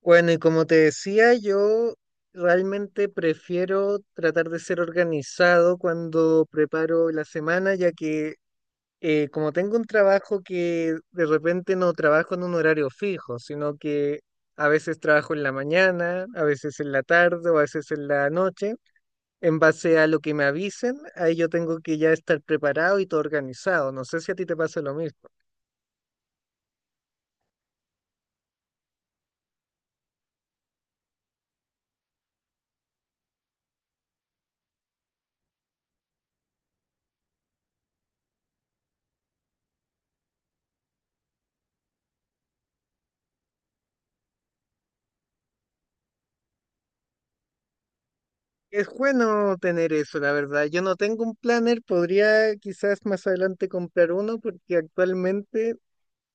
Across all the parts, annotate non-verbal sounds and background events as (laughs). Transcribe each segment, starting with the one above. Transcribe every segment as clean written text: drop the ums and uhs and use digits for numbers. Bueno, y como te decía, yo realmente prefiero tratar de ser organizado cuando preparo la semana, ya que como tengo un trabajo que de repente no trabajo en un horario fijo, sino que a veces trabajo en la mañana, a veces en la tarde o a veces en la noche, en base a lo que me avisen, ahí yo tengo que ya estar preparado y todo organizado. No sé si a ti te pasa lo mismo. Es bueno tener eso, la verdad. Yo no tengo un planner, podría quizás más adelante comprar uno porque actualmente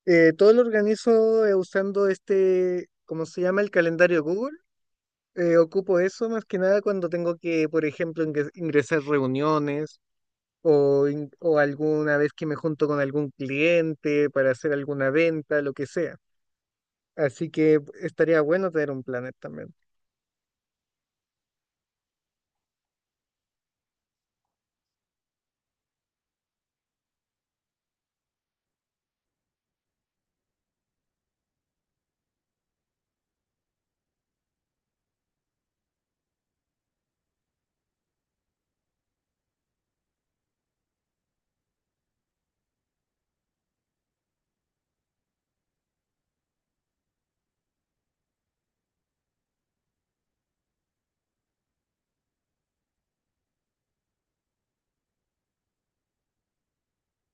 todo lo organizo usando este, ¿cómo se llama? El calendario Google. Ocupo eso más que nada cuando tengo que, por ejemplo, ingresar reuniones o, o alguna vez que me junto con algún cliente para hacer alguna venta, lo que sea. Así que estaría bueno tener un planner también.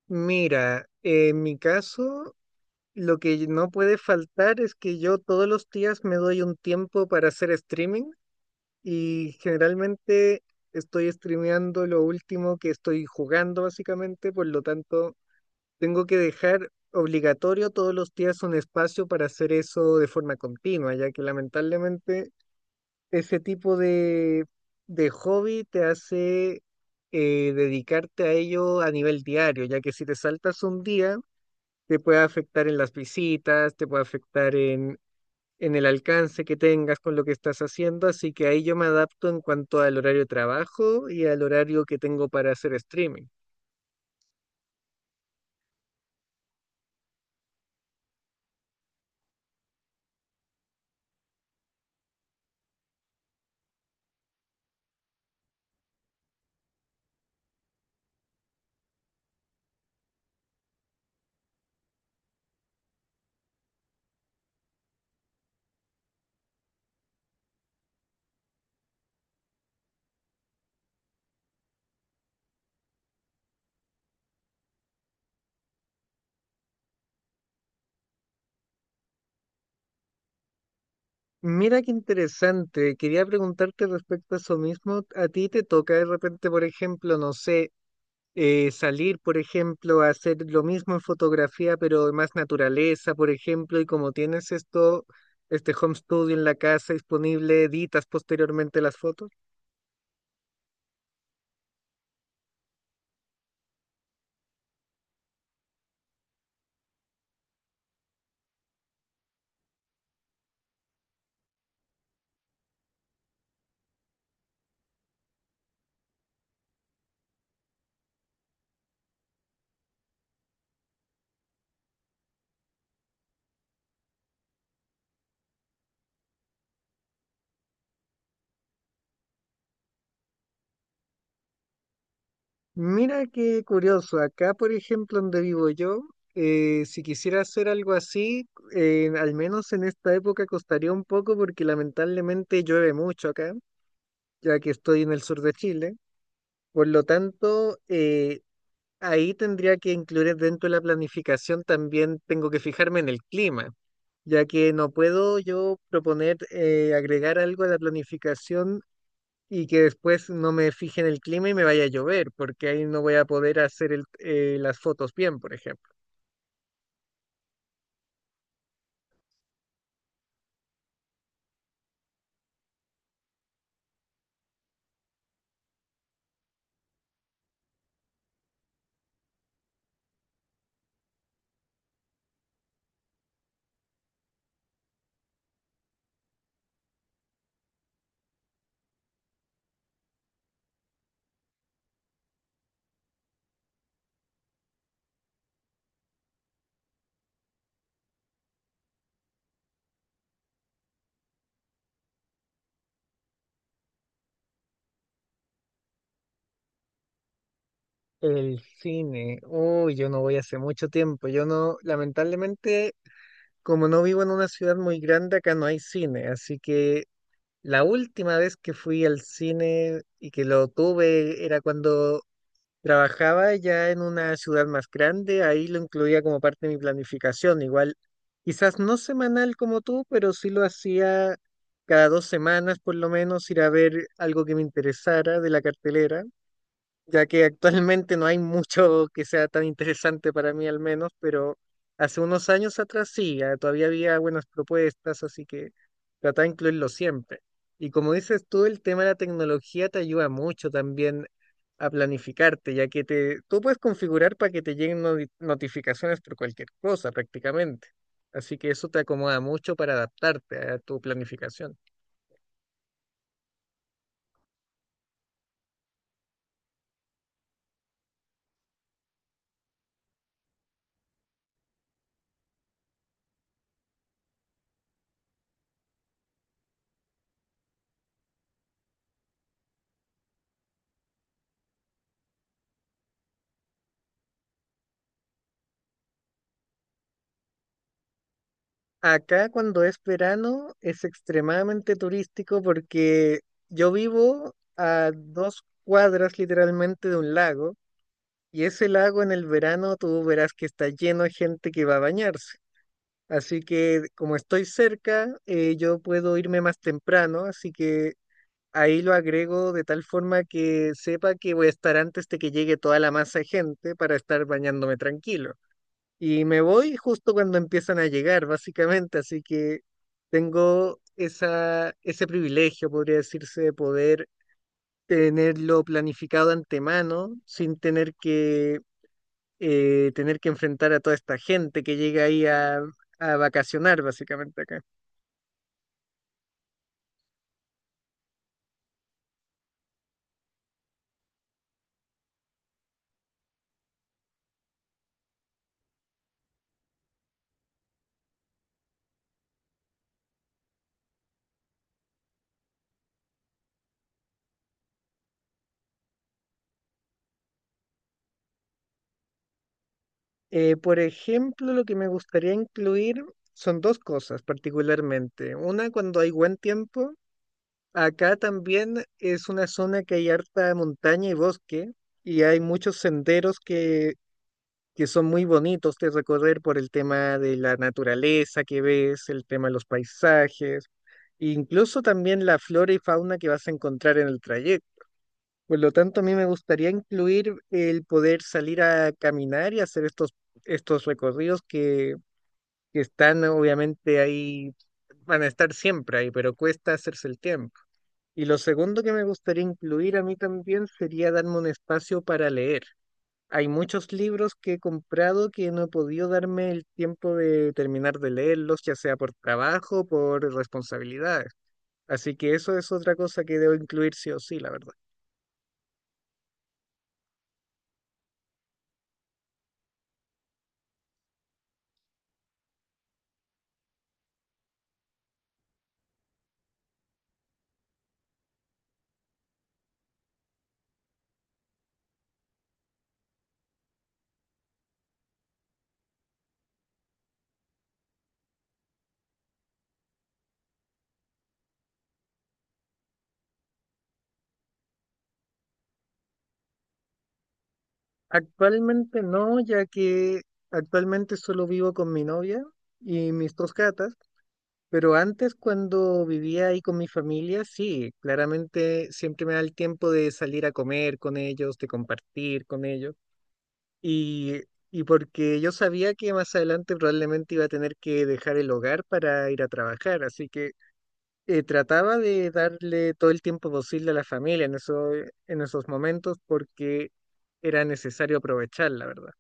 Mira, en mi caso... Lo que no puede faltar es que yo todos los días me doy un tiempo para hacer streaming y generalmente estoy streameando lo último que estoy jugando básicamente, por lo tanto tengo que dejar obligatorio todos los días un espacio para hacer eso de forma continua, ya que lamentablemente ese de hobby te hace dedicarte a ello a nivel diario, ya que si te saltas un día te puede afectar en las visitas, te puede afectar en el alcance que tengas con lo que estás haciendo, así que ahí yo me adapto en cuanto al horario de trabajo y al horario que tengo para hacer streaming. Mira qué interesante, quería preguntarte respecto a eso mismo, ¿a ti te toca de repente, por ejemplo, no sé, salir, por ejemplo, a hacer lo mismo en fotografía, pero más naturaleza, por ejemplo, y como tienes esto, este home studio en la casa disponible, editas posteriormente las fotos? Mira qué curioso, acá por ejemplo donde vivo yo, si quisiera hacer algo así, al menos en esta época costaría un poco porque lamentablemente llueve mucho acá, ya que estoy en el sur de Chile. Por lo tanto, ahí tendría que incluir dentro de la planificación también tengo que fijarme en el clima, ya que no puedo yo proponer agregar algo a la planificación y que después no me fije en el clima y me vaya a llover, porque ahí no voy a poder hacer las fotos bien, por ejemplo. El cine, uy, yo no voy hace mucho tiempo, yo no, lamentablemente, como no vivo en una ciudad muy grande, acá no hay cine, así que la última vez que fui al cine y que lo tuve era cuando trabajaba ya en una ciudad más grande, ahí lo incluía como parte de mi planificación, igual quizás no semanal como tú, pero sí lo hacía cada dos semanas por lo menos, ir a ver algo que me interesara de la cartelera, ya que actualmente no hay mucho que sea tan interesante para mí al menos, pero hace unos años atrás sí, ah, todavía había buenas propuestas, así que trata de incluirlo siempre. Y como dices tú, el tema de la tecnología te ayuda mucho también a planificarte, ya que tú puedes configurar para que te lleguen notificaciones por cualquier cosa prácticamente. Así que eso te acomoda mucho para adaptarte a tu planificación. Acá cuando es verano es extremadamente turístico porque yo vivo a dos cuadras literalmente de un lago y ese lago en el verano tú verás que está lleno de gente que va a bañarse. Así que como estoy cerca, yo puedo irme más temprano, así que ahí lo agrego de tal forma que sepa que voy a estar antes de que llegue toda la masa de gente para estar bañándome tranquilo. Y me voy justo cuando empiezan a llegar, básicamente, así que tengo ese privilegio, podría decirse, de poder tenerlo planificado antemano sin tener tener que enfrentar a toda esta gente que llega a vacacionar, básicamente acá. Por ejemplo, lo que me gustaría incluir son dos cosas particularmente. Una, cuando hay buen tiempo, acá también es una zona que hay harta montaña y bosque y hay muchos senderos que son muy bonitos de recorrer por el tema de la naturaleza que ves, el tema de los paisajes, e incluso también la flora y fauna que vas a encontrar en el trayecto. Por lo tanto, a mí me gustaría incluir el poder salir a caminar y hacer estos recorridos que están obviamente ahí, van a estar siempre ahí, pero cuesta hacerse el tiempo. Y lo segundo que me gustaría incluir a mí también sería darme un espacio para leer. Hay muchos libros que he comprado que no he podido darme el tiempo de terminar de leerlos, ya sea por trabajo por responsabilidades. Así que eso es otra cosa que debo incluir sí o sí, la verdad. Actualmente no, ya que actualmente solo vivo con mi novia y mis dos gatas. Pero antes, cuando vivía ahí con mi familia, sí, claramente siempre me da el tiempo de salir a comer con ellos, de compartir con ellos. Y, y porque yo sabía que más adelante probablemente iba a tener que dejar el hogar para ir a trabajar, así que trataba de darle todo el tiempo posible a la familia en en esos momentos porque era necesario aprovechar, la verdad.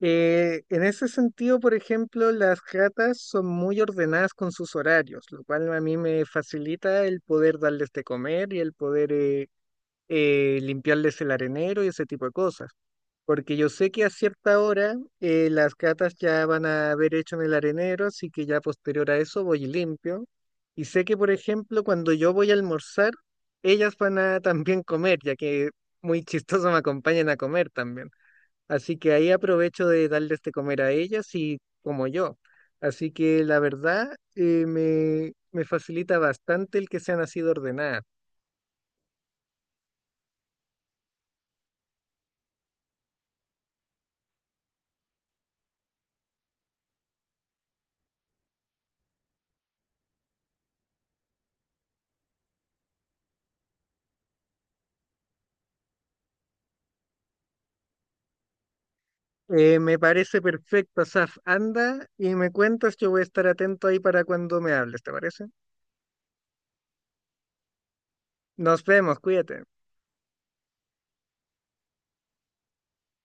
En ese sentido, por ejemplo, las ratas son muy ordenadas con sus horarios, lo cual a mí me facilita el poder darles de comer y el poder limpiarles el arenero y ese tipo de cosas. Porque yo sé que a cierta hora las ratas ya van a haber hecho en el arenero, así que ya posterior a eso voy y limpio. Y sé que, por ejemplo, cuando yo voy a almorzar, ellas van a (laughs) también comer, ya que muy chistoso me acompañan a comer también. Así que ahí aprovecho de darles de comer a ellas y como yo. Así que la verdad me facilita bastante el que sean así de ordenadas. Me parece perfecto, Asaf. Anda y me cuentas, yo voy a estar atento ahí para cuando me hables, ¿te parece? Nos vemos, cuídate.